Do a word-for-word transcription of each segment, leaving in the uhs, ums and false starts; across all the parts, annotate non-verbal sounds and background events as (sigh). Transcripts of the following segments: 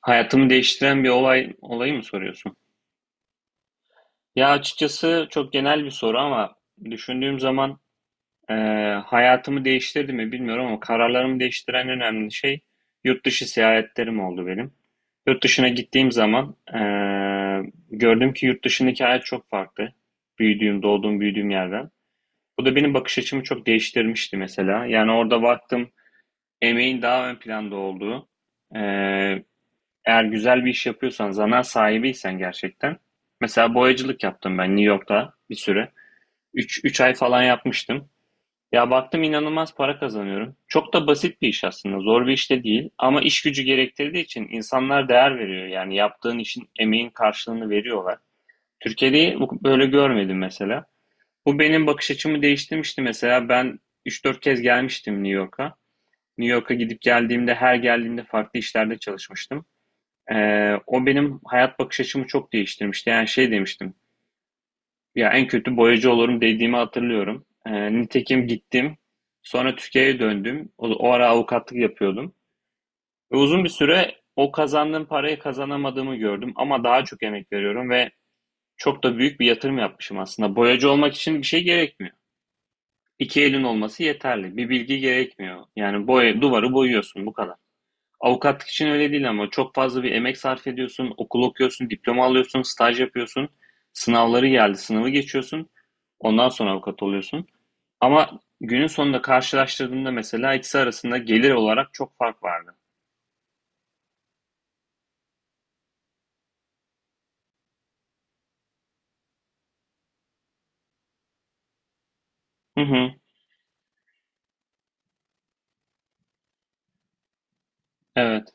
Hayatımı değiştiren bir olay olayı mı soruyorsun? Ya açıkçası çok genel bir soru ama düşündüğüm zaman e, hayatımı değiştirdi mi bilmiyorum ama kararlarımı değiştiren önemli şey yurt dışı seyahatlerim oldu benim. Yurt dışına gittiğim zaman e, gördüm ki yurt dışındaki hayat çok farklı. Büyüdüğüm, doğduğum, büyüdüğüm yerden. Bu da benim bakış açımı çok değiştirmişti mesela. Yani orada baktım emeğin daha ön planda olduğu, e, eğer güzel bir iş yapıyorsan, zanaat sahibiysen gerçekten. Mesela boyacılık yaptım ben New York'ta bir süre. 3 3 ay falan yapmıştım. Ya baktım inanılmaz para kazanıyorum. Çok da basit bir iş aslında. Zor bir iş de değil ama iş gücü gerektirdiği için insanlar değer veriyor. Yani yaptığın işin emeğin karşılığını veriyorlar. Türkiye'de böyle görmedim mesela. Bu benim bakış açımı değiştirmişti mesela. Ben üç dört kez gelmiştim New York'a. New York'a gidip geldiğimde her geldiğimde farklı işlerde çalışmıştım. Ee, o benim hayat bakış açımı çok değiştirmişti. Yani şey demiştim. Ya en kötü boyacı olurum dediğimi hatırlıyorum. Ee, nitekim gittim. Sonra Türkiye'ye döndüm. O, o ara avukatlık yapıyordum. Ve uzun bir süre o kazandığım parayı kazanamadığımı gördüm. Ama daha çok emek veriyorum ve çok da büyük bir yatırım yapmışım aslında. Boyacı olmak için bir şey gerekmiyor. İki elin olması yeterli. Bir bilgi gerekmiyor. Yani boya, duvarı boyuyorsun bu kadar. Avukatlık için öyle değil ama çok fazla bir emek sarf ediyorsun, okul okuyorsun, diploma alıyorsun, staj yapıyorsun, sınavları geldi, sınavı geçiyorsun, ondan sonra avukat oluyorsun. Ama günün sonunda karşılaştırdığında mesela ikisi arasında gelir olarak çok fark vardı. Hı hı, evet.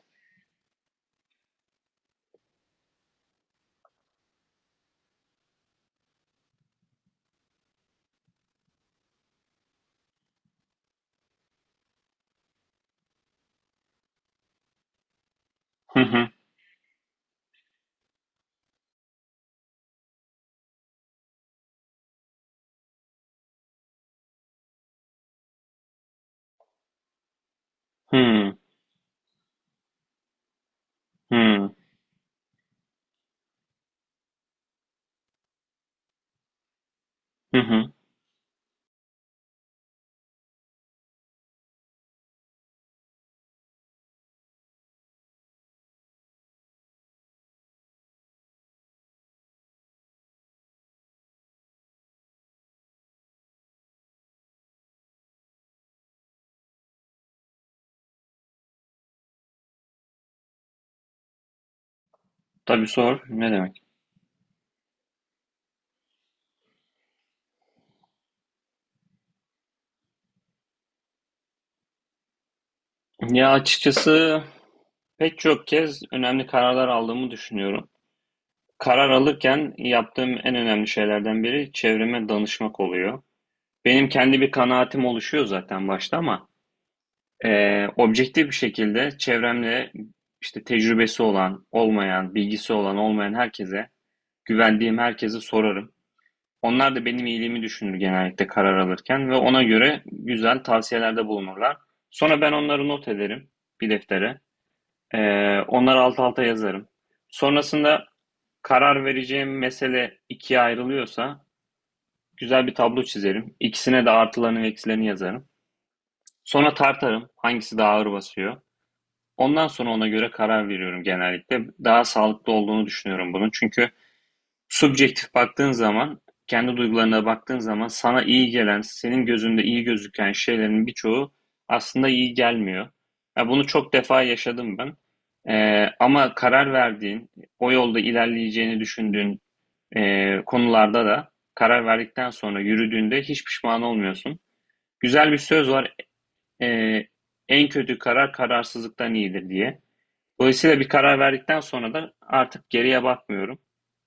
Hı hı, hı hı, hı hı. Tabii sor, ne demek? Ya açıkçası pek çok kez önemli kararlar aldığımı düşünüyorum. Karar alırken yaptığım en önemli şeylerden biri çevreme danışmak oluyor. Benim kendi bir kanaatim oluşuyor zaten başta ama e, objektif bir şekilde çevremde işte tecrübesi olan, olmayan, bilgisi olan, olmayan herkese, güvendiğim herkese sorarım. Onlar da benim iyiliğimi düşünür genellikle karar alırken ve ona göre güzel tavsiyelerde bulunurlar. Sonra ben onları not ederim bir deftere. E, Onları alt alta yazarım. Sonrasında karar vereceğim mesele ikiye ayrılıyorsa güzel bir tablo çizerim. İkisine de artılarını ve eksilerini yazarım. Sonra tartarım hangisi daha ağır basıyor. Ondan sonra ona göre karar veriyorum genellikle. Daha sağlıklı olduğunu düşünüyorum bunun. Çünkü subjektif baktığın zaman, kendi duygularına baktığın zaman sana iyi gelen, senin gözünde iyi gözüken şeylerin birçoğu aslında iyi gelmiyor. Ya bunu çok defa yaşadım ben. Ee, ama karar verdiğin, o yolda ilerleyeceğini düşündüğün e, konularda da karar verdikten sonra yürüdüğünde hiç pişman olmuyorsun. Güzel bir söz var eee, en kötü karar kararsızlıktan iyidir diye. Dolayısıyla bir karar verdikten sonra da artık geriye bakmıyorum.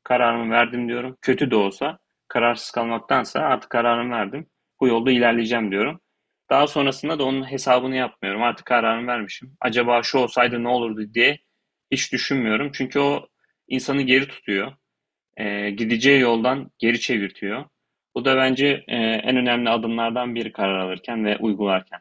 Kararımı verdim diyorum. Kötü de olsa kararsız kalmaktansa artık kararımı verdim. Bu yolda ilerleyeceğim diyorum. Daha sonrasında da onun hesabını yapmıyorum. Artık kararımı vermişim. Acaba şu olsaydı ne olurdu diye hiç düşünmüyorum. Çünkü o insanı geri tutuyor. Eee, gideceği yoldan geri çevirtiyor. Bu da bence eee, en önemli adımlardan biri karar alırken ve uygularken.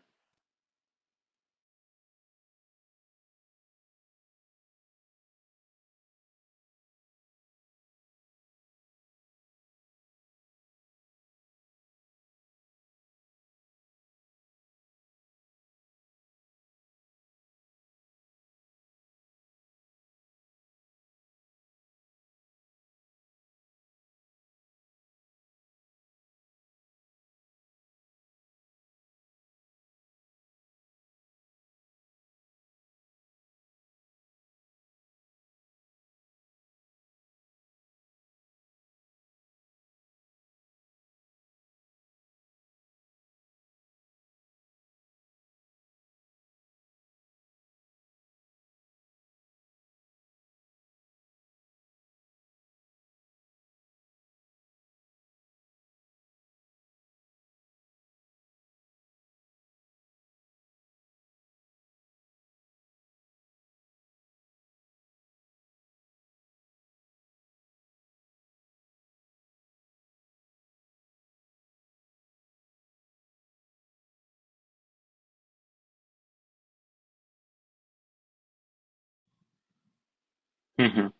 Hı hı,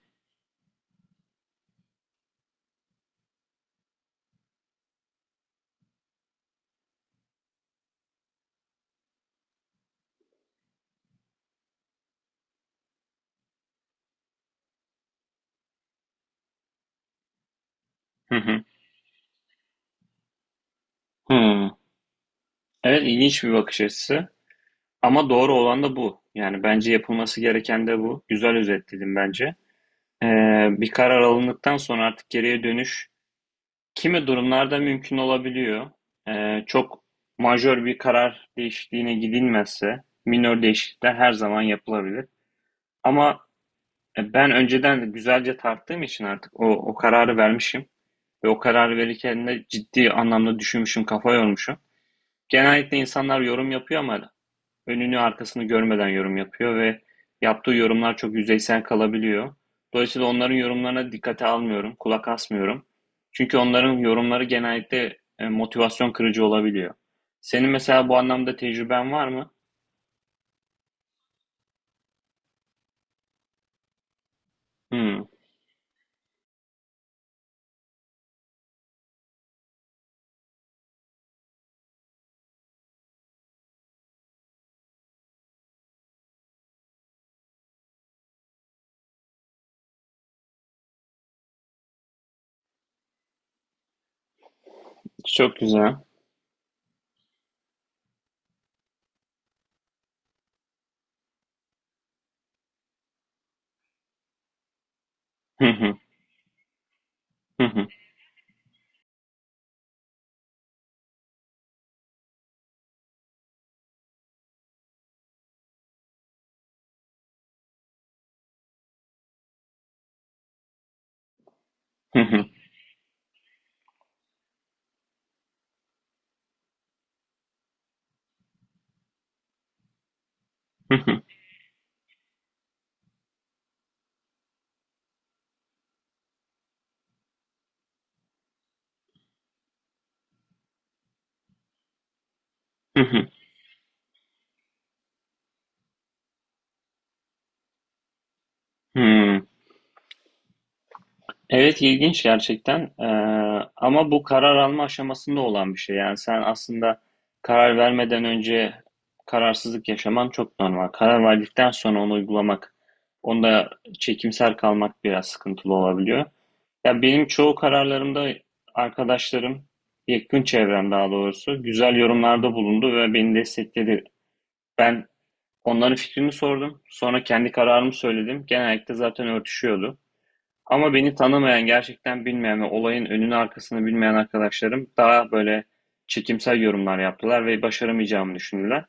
hı hı. Hmm. Evet, ilginç bir bakış açısı. Ama doğru olan da bu. Yani bence yapılması gereken de bu. Güzel özetledin bence. Ee, bir karar alındıktan sonra artık geriye dönüş kimi durumlarda mümkün olabiliyor. Ee, çok majör bir karar değişikliğine gidilmezse minör değişiklikler her zaman yapılabilir. Ama e, ben önceden de güzelce tarttığım için artık o, o kararı vermişim. Ve o kararı verirken de ciddi anlamda düşünmüşüm, kafa yormuşum. Genellikle insanlar yorum yapıyor ama önünü arkasını görmeden yorum yapıyor ve yaptığı yorumlar çok yüzeysel kalabiliyor. Dolayısıyla onların yorumlarına dikkate almıyorum, kulak asmıyorum. Çünkü onların yorumları genellikle e, motivasyon kırıcı olabiliyor. Senin mesela bu anlamda tecrüben var mı? Hmm, çok güzel. (laughs) Hı. Evet, ilginç gerçekten. Ee, ama bu karar alma aşamasında olan bir şey, yani sen aslında karar vermeden önce kararsızlık yaşaman çok normal. Karar verdikten sonra onu uygulamak, onda çekimser kalmak biraz sıkıntılı olabiliyor. Ya benim çoğu kararlarımda arkadaşlarım, yakın çevrem daha doğrusu güzel yorumlarda bulundu ve beni destekledi. Ben onların fikrini sordum, sonra kendi kararımı söyledim. Genellikle zaten örtüşüyordu. Ama beni tanımayan, gerçekten bilmeyen ve olayın önünü arkasını bilmeyen arkadaşlarım daha böyle çekimsel yorumlar yaptılar ve başaramayacağımı düşündüler.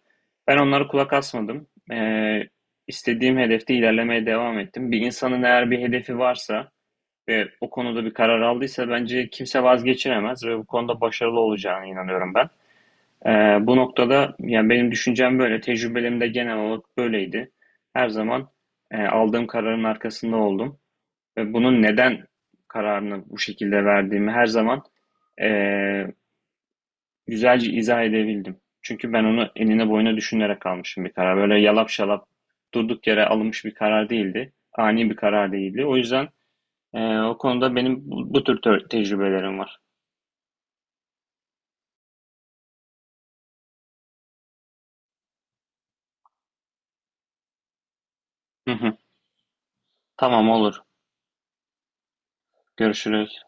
Ben onlara kulak asmadım. Ee, istediğim hedefte ilerlemeye devam ettim. Bir insanın eğer bir hedefi varsa ve o konuda bir karar aldıysa bence kimse vazgeçiremez ve bu konuda başarılı olacağına inanıyorum ben. Ee, bu noktada yani benim düşüncem böyle, tecrübelerim de genel olarak böyleydi. Her zaman e, aldığım kararın arkasında oldum. E, bunun neden kararını bu şekilde verdiğimi her zaman eee, güzelce izah edebildim. Çünkü ben onu enine boyuna düşünerek almışım bir karar. Böyle yalap şalap durduk yere alınmış bir karar değildi. Ani bir karar değildi. O yüzden eee, o konuda benim bu, bu tür te- tecrübelerim var. Hı hı. Tamam, olur. Görüşürüz.